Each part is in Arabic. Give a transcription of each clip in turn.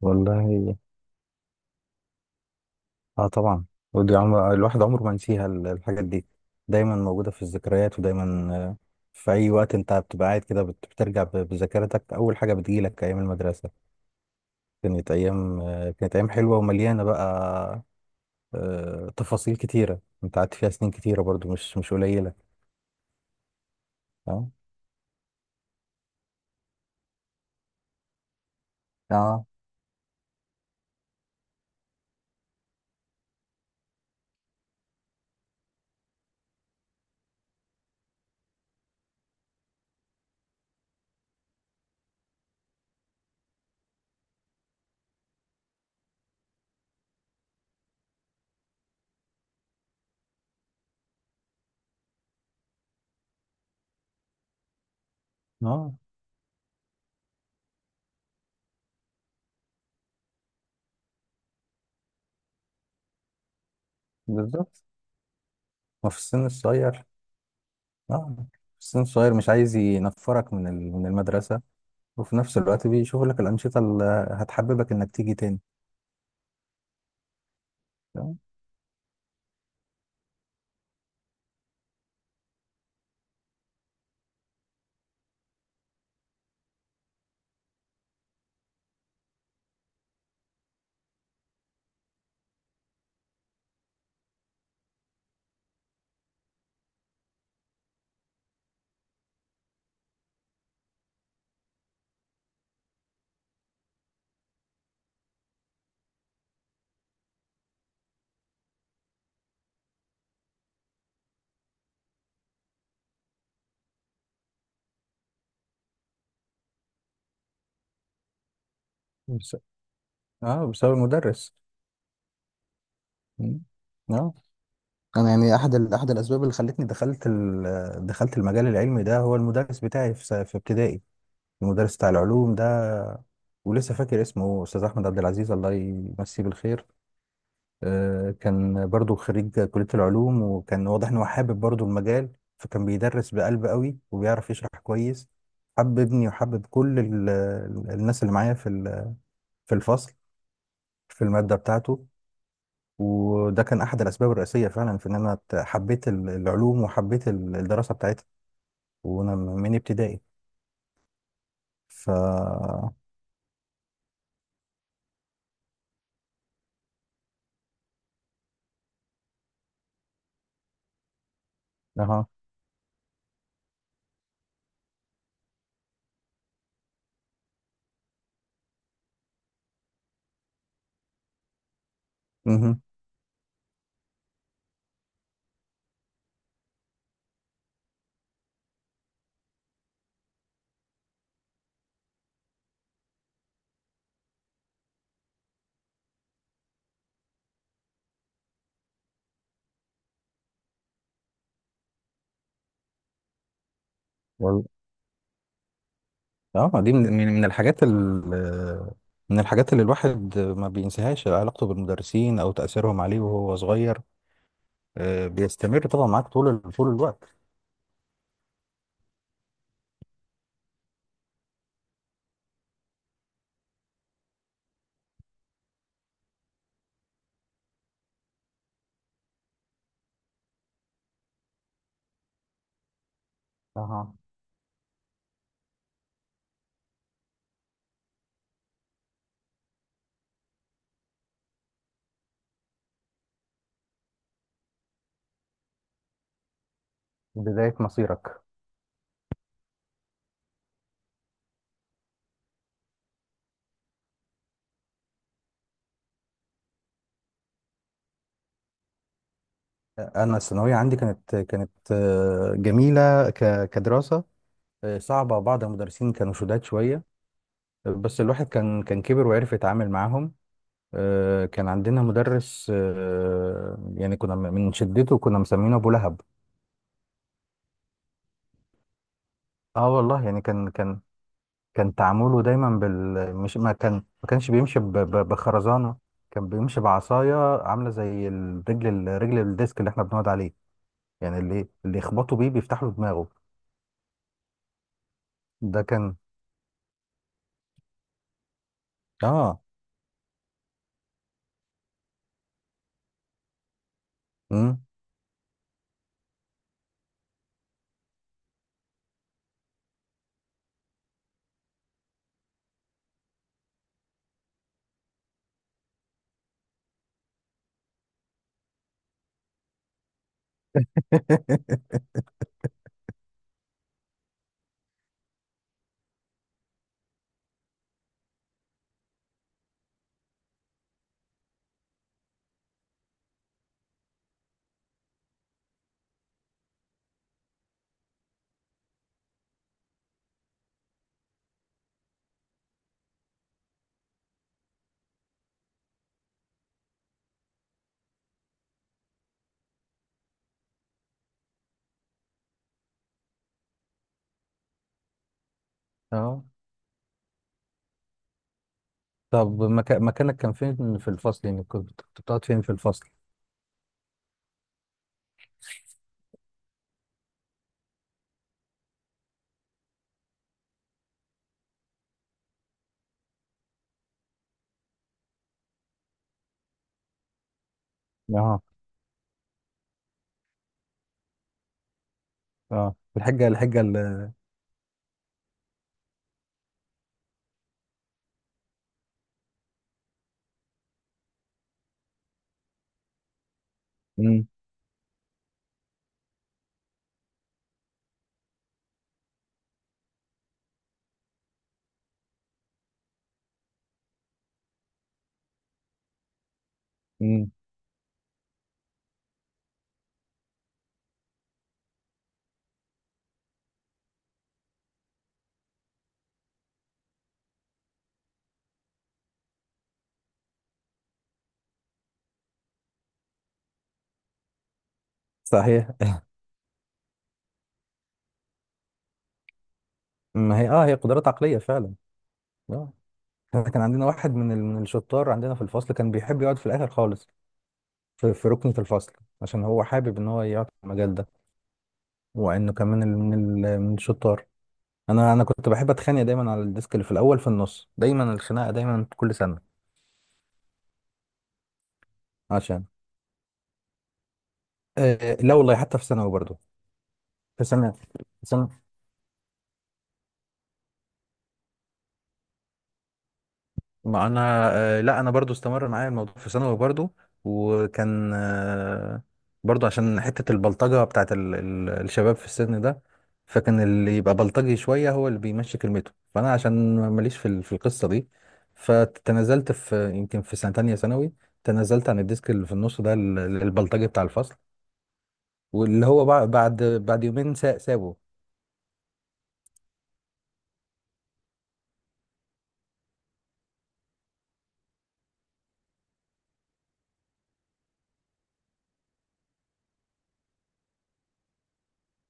والله. اه، طبعا. ودي عمر الواحد عمره ما ينسيها الحاجات دي. دايما موجودة في الذكريات ودايما في أي وقت أنت بتبقى قاعد كده بترجع بذاكرتك، أول حاجة بتجيلك أيام المدرسة. كانت أيام، كانت أيام حلوة ومليانة بقى، تفاصيل كتيرة. أنت قعدت فيها سنين كتيرة برضو، مش قليلة. اه. اه. اه، بالظبط. ما في السن الصغير. اه، في السن الصغير مش عايز ينفرك من من المدرسة، وفي نفس الوقت بيشوف لك الأنشطة اللي هتحببك إنك تيجي تاني. تمام؟ بس- اه، بسبب المدرس. مم. اه، انا يعني احد احد الاسباب اللي خلتني دخلت دخلت المجال العلمي ده هو المدرس بتاعي في في ابتدائي. المدرس بتاع العلوم ده، ولسه فاكر اسمه استاذ احمد عبد العزيز، الله يمسيه بالخير. آه، كان برضو خريج كلية العلوم، وكان واضح إن هو حابب برضو المجال، فكان بيدرس بقلب قوي وبيعرف يشرح كويس. حببني وحبب كل الناس اللي معايا في في الفصل، في المادة بتاعته. وده كان أحد الأسباب الرئيسية فعلا في إن أنا حبيت العلوم وحبيت الدراسة بتاعتها، وأنا من ابتدائي. ف أها. مهم. اه، دي من الحاجات من الحاجات اللي الواحد ما بينساهاش، علاقته بالمدرسين او تأثيرهم عليه وهو صغير. آه، بيستمر طبعا معاك طول طول الوقت. اها. بداية مصيرك. انا الثانوية عندي كانت جميلة كدراسة. آه، صعبة. بعض المدرسين كانوا شداد شوية، آه، بس الواحد كان كبر وعرف يتعامل معاهم. آه، كان عندنا مدرس، آه، يعني من شدته كنا مسمينه ابو لهب. اه والله، يعني كان كان تعامله دايما بال مش ما كانش بيمشي بخرزانه، كان بيمشي بعصايه عامله زي الرجل الديسك اللي احنا بنقعد عليه، يعني اللي يخبطوا بيه بيفتح له دماغه. ده كان اه. امم. اه. طب مكانك كان فين في الفصل؟ يعني كنت بتقعد فين في الفصل؟ اه. اه، الحجه مم. مم. صحيح. ما هي اه، هي قدرات عقليه فعلا. اه، احنا كان عندنا واحد من من الشطار عندنا في الفصل، كان بيحب يقعد في الاخر خالص، في ركنة الفصل، عشان هو حابب ان هو يقعد في المجال ده، وانه كمان من الشطار. انا كنت بحب اتخانق دايما على الديسك اللي في الاول في النص، دايما الخناقه دايما كل سنه عشان. آه لا والله، حتى في ثانوي برضه، في سنه، ما انا آه، لا انا برضو استمر معايا الموضوع في ثانوي برضو. وكان آه، برضو عشان حتة البلطجة بتاعت الشباب في السن ده، فكان اللي يبقى بلطجي شوية هو اللي بيمشي كلمته، فانا عشان ماليش في في القصة دي، فتنازلت في يمكن في سنة تانية ثانوي، تنازلت عن الديسك اللي في النص ده. البلطجي بتاع الفصل، واللي هو بعد بعد يومين سابه.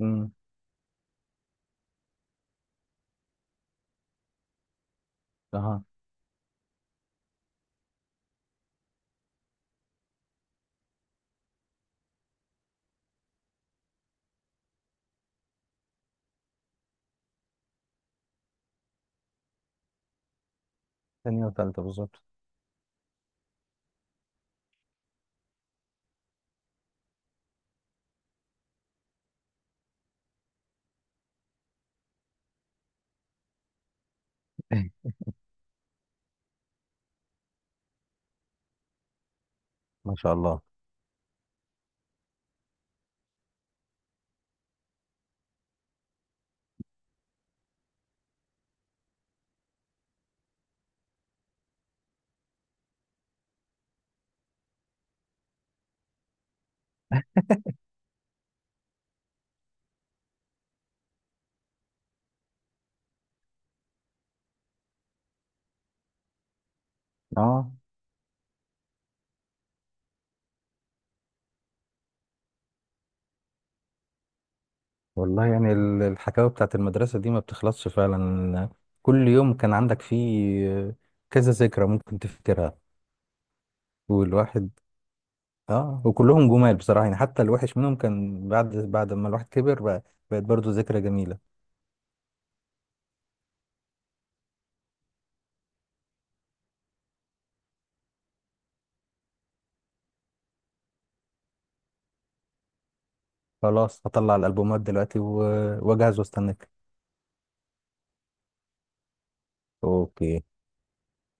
امم. اها. تانية وتالتة بالظبط. ما شاء الله. اه والله، يعني الحكاوي بتاعت المدرسة دي ما بتخلصش فعلا. كل يوم كان عندك فيه كذا ذكرى ممكن تفتكرها. والواحد، اه، وكلهم جمال بصراحة، يعني حتى الوحش منهم كان بعد ما الواحد كبر بقى بقت برضه ذكرى جميلة. خلاص هطلع الألبومات دلوقتي واجهز واستناك. اوكي.